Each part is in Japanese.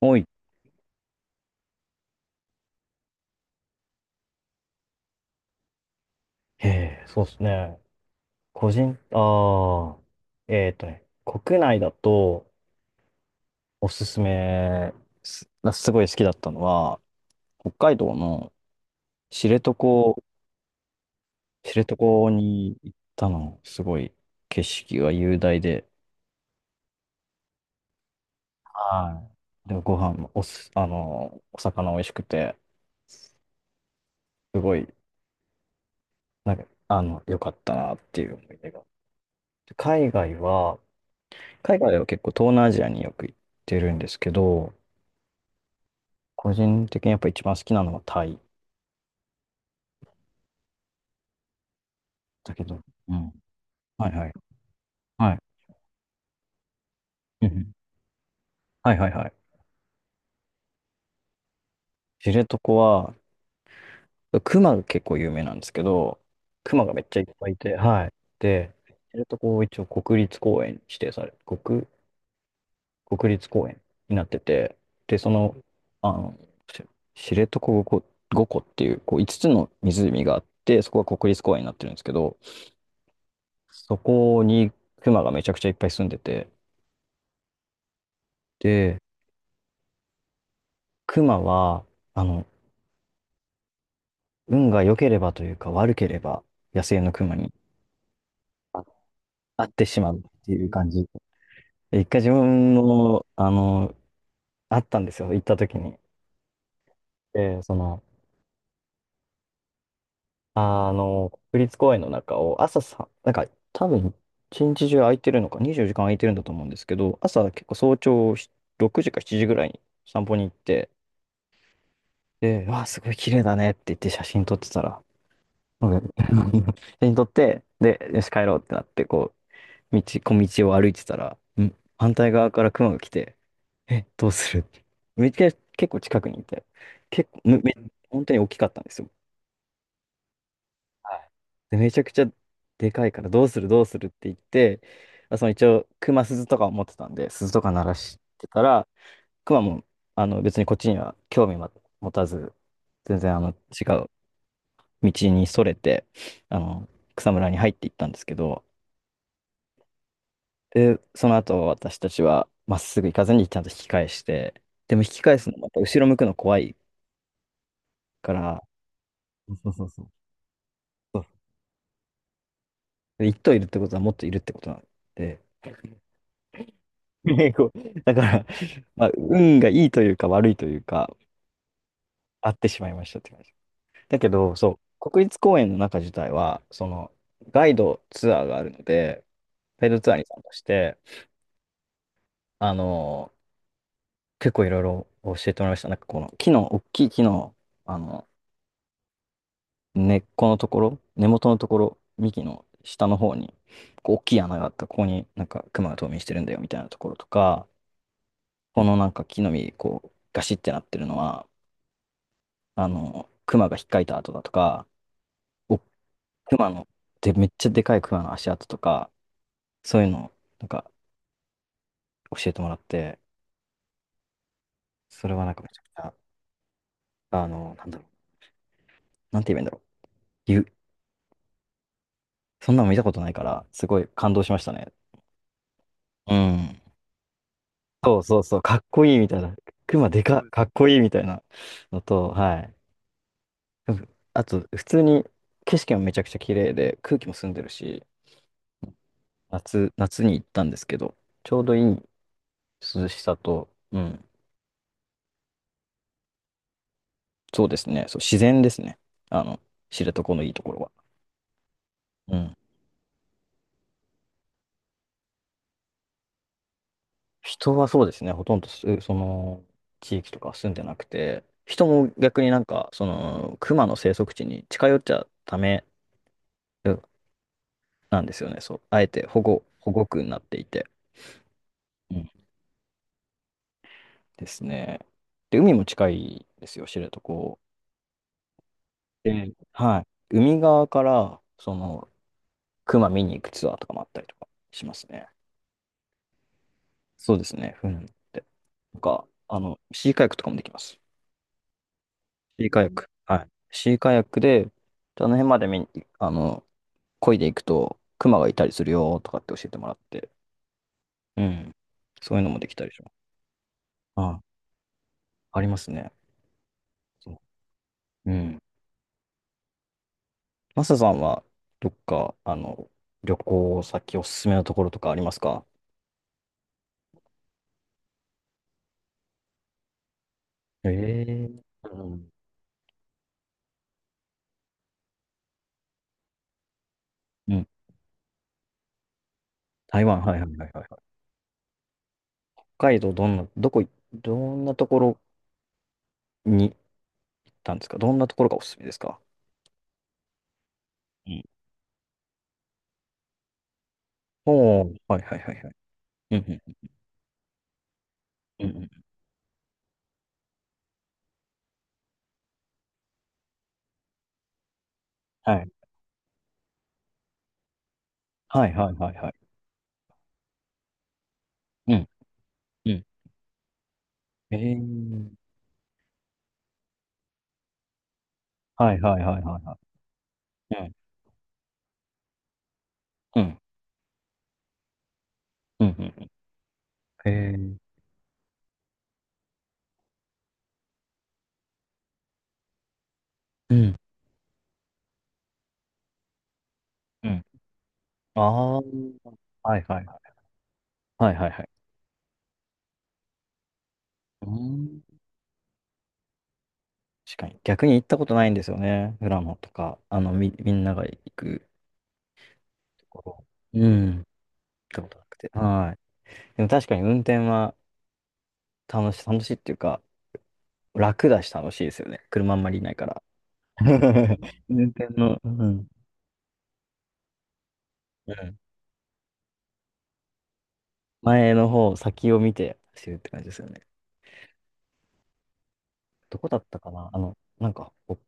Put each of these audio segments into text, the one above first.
おい。へえ、そうですね。個人、ああ、えっとね、国内だとおすすめす、すごい好きだったのは、北海道の知床、知床に行ったの、すごい景色が雄大で、はい。で、ご飯もおす、あの、お魚美味しくて、すごい、なんか、良かったなっていう思い出が。海外は、海外は結構東南アジアによく行ってるんですけど、個人的にやっぱ一番好きなのはタイだけど。うん。はいはい。はい。うんうん。はいはいはい。知床は、熊が結構有名なんですけど、熊がめっちゃいっぱいいて、はい。で、知床を一応国立公園に指定され、国、国立公園になってて、で、あの、し知床5個、5個っていう、こう5つの湖があって、そこが国立公園になってるんですけど、そこに熊がめちゃくちゃいっぱい住んでて、で、熊は、あの、運が良ければというか悪ければ野生のクマにあ会ってしまうっていう感じ。で一回自分の、あの、会ったんですよ、行った時に。で、国立公園の中を朝さ、なんか多分一日中空いてるのか、24時間空いてるんだと思うんですけど、朝結構早朝し6時か7時ぐらいに散歩に行って、で、わあ、すごい綺麗だねって言って写真撮ってたら、なんか 写真撮って、で、よし帰ろうってなって、小道を歩いてたら、反対側から熊が来て、え、どうするって。めっちゃ結構近くにいて、結構、め、め、本当に大きかったんですよ。はい。で、めちゃくちゃでかいから、どうするどうするって言って、その一応、熊鈴とかを持ってたんで、鈴とか鳴らしてたら、熊も、別にこっちには興味は持たず、全然、違う道にそれて、あの、草むらに入っていったんですけど、で、その後私たちはまっすぐ行かずにちゃんと引き返して、でも引き返すのまた後ろ向くの怖いから、そうそうそう。そう、で一頭いるってことはもっといるってことなんで、ねこうだから、まあ、運がいいというか悪いというか、あってしまいましたって感じ。だけど、そう、国立公園の中自体は、ガイドツアーがあるので、ガイドツアーに参加して、あの、結構いろいろ教えてもらいました。なんかこの大きい木の、あの、根っこのところ、根元のところ、幹の下の方に、こう大きい穴があった、ここになんか熊が冬眠してるんだよみたいなところとか、このなんか木の実、こう、ガシってなってるのは、熊が引っかいた跡だとか、お、熊の、で、めっちゃでかい熊の足跡とか、そういうのを、なんか教えてもらって、それはなんかめちゃくちゃ、なんだろう、なんて言えばいいんだろう。ゆそんなの見たことないから、すごい感動しましたね。うん。そうそうそう、かっこいいみたいな。熊でかっ、かっこいいみたいなのと、はい。あと、普通に景色もめちゃくちゃ綺麗で、空気も澄んでるし、夏に行ったんですけど、ちょうどいい涼しさと、うん、そうですね、そう、自然ですね。あの、知床のいいところは。うん。人はそうですね、ほとんどす、その、地域とかは住んでなくて、人も逆になんか、その、熊の生息地に近寄っちゃダメなんですよね。そう。あえて保護区になっていて。うんですね。で、海も近いですよ、知床。で、はい。海側から、その、熊見に行くツアーとかもあったりとかしますね。そうですね、船に乗って。なんか、シーカヤックとかもできます。シーカヤック。はい。シーカヤックで、あの辺まで見に、あの、漕いでいくと、熊がいたりするよとかって教えてもらって。うん。そういうのもできたりします。あ、ありますね。そう。うん。マサさんは、どっか、あの、旅行先おすすめのところとかありますか？ええー、うんうん。台湾、はいはいはいはいはい。北海道、どんなところに行ったんですか？どんなところがおすすめですか？うん。おー、はいはいはいはい。うんうんうんうん。はいはいはいはいはい。うん。うん。ええー、はいはいはいはいはい、うんうんうんうんうん。ええー。うん。うん。ああ、はいはいはい。はいはいはい。うーん。確かに。逆に行ったことないんですよね。富良野とか、みんなが行くところ。うん。行ったことなくて。はい。でも確かに運転は楽しいっていうか、楽だし楽しいですよね。車あんまりいないから。運転の、うん。うん。前の方、先を見て走るって感じですよね。どこだったかな、なんか、北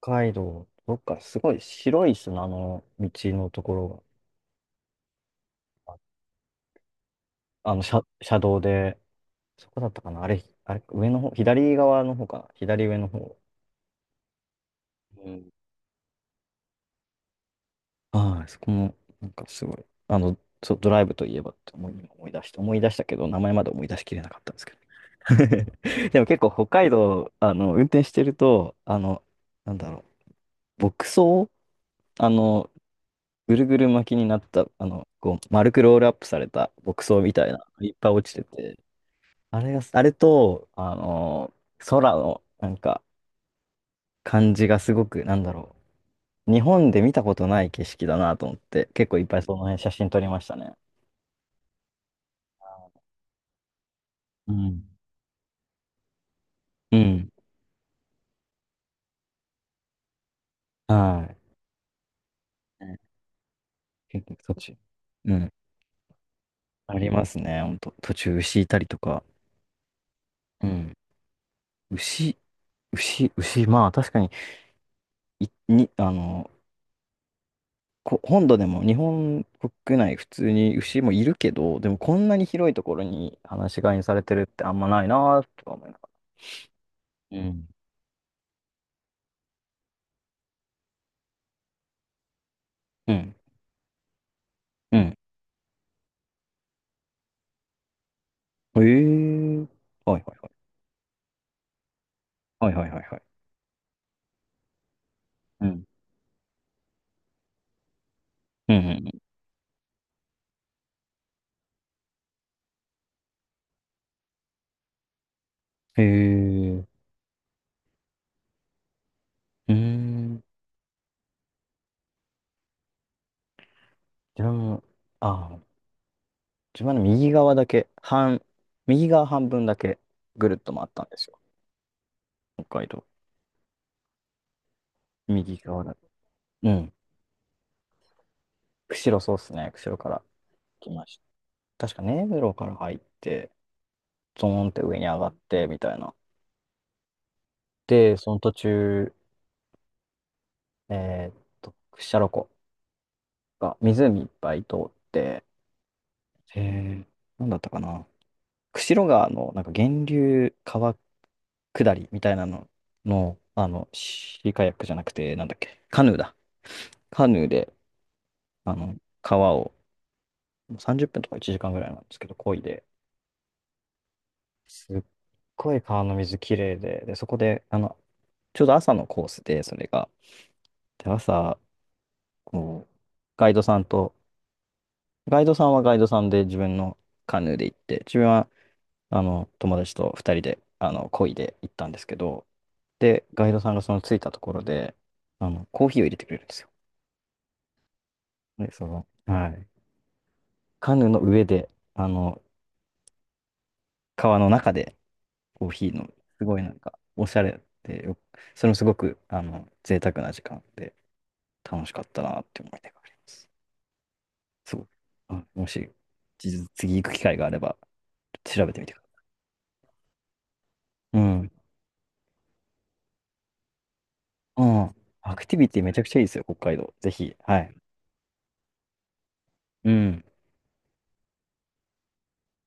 海道、どっかすごい白い砂の道のところが、車道で、そこだったかな、あれ、あれ、上の方、左側の方かな、左上の方。うん。はい、そこも、なんかすごい、あの、そう、ドライブといえばって今思い出して、思い出したけど、名前まで思い出しきれなかったんですけど。でも結構北海道、運転してると、なんだろ牧草、あの、ぐるぐる巻きになった、こう、丸くロールアップされた牧草みたいな、いっぱい落ちてて、あれが、あれと、空の、なんか、感じがすごく、なんだろう、日本で見たことない景色だなと思って、結構いっぱいその辺写真撮りましたね。うん。うん。はい。ね、結構そっち。うん。ありますね、ほんと。途中牛いたりとか。うん。牛、牛、まあ確かに、い、に、あの、こ、本土でも日本国内普通に牛もいるけど、でもこんなに広いところに放し飼いにされてるってあんまないなとか思いながら。うん。うん。うん。ええー、はいはいはい。はいはいはいはい。うん。うんうん。へえ。うーん。自分も、ああ、自分の右側だけ、半、右側半分だけぐるっと回ったんですよ。北海道。右側だけ。うん。釧路そうっすね。釧路から来ました。確か根室から入って、ゾーンって上に上がって、みたいな。で、その途中、屈斜路湖が湖いっぱい通って、えー、なんだったかな。釧路川のなんか源流川下りみたいなのの、シーカヤックじゃなくて、なんだっけ、カヌーだ。カヌーで、あの、川を30分とか1時間ぐらいなんですけど、漕いで、すっごい川の水きれいで、で、そこで、ちょうど朝のコースで、それが。で、朝、こう、ガイドさんと、ガイドさんはガイドさんで自分のカヌーで行って、自分は、友達と2人で、漕いで行ったんですけど、で、ガイドさんがその着いたところで、コーヒーを入れてくれるんですよ。で、その、はい。カヌーの上で、川の中でコーヒーの、すごいなんか、おしゃれでよ、それもすごく、贅沢な時間で、楽しかったなって思い出があります。そう。あ、もし、次行く機会があれば、調べてみてください。うん。うん。アクティビティめちゃくちゃいいですよ、北海道。ぜひ。はい。うん。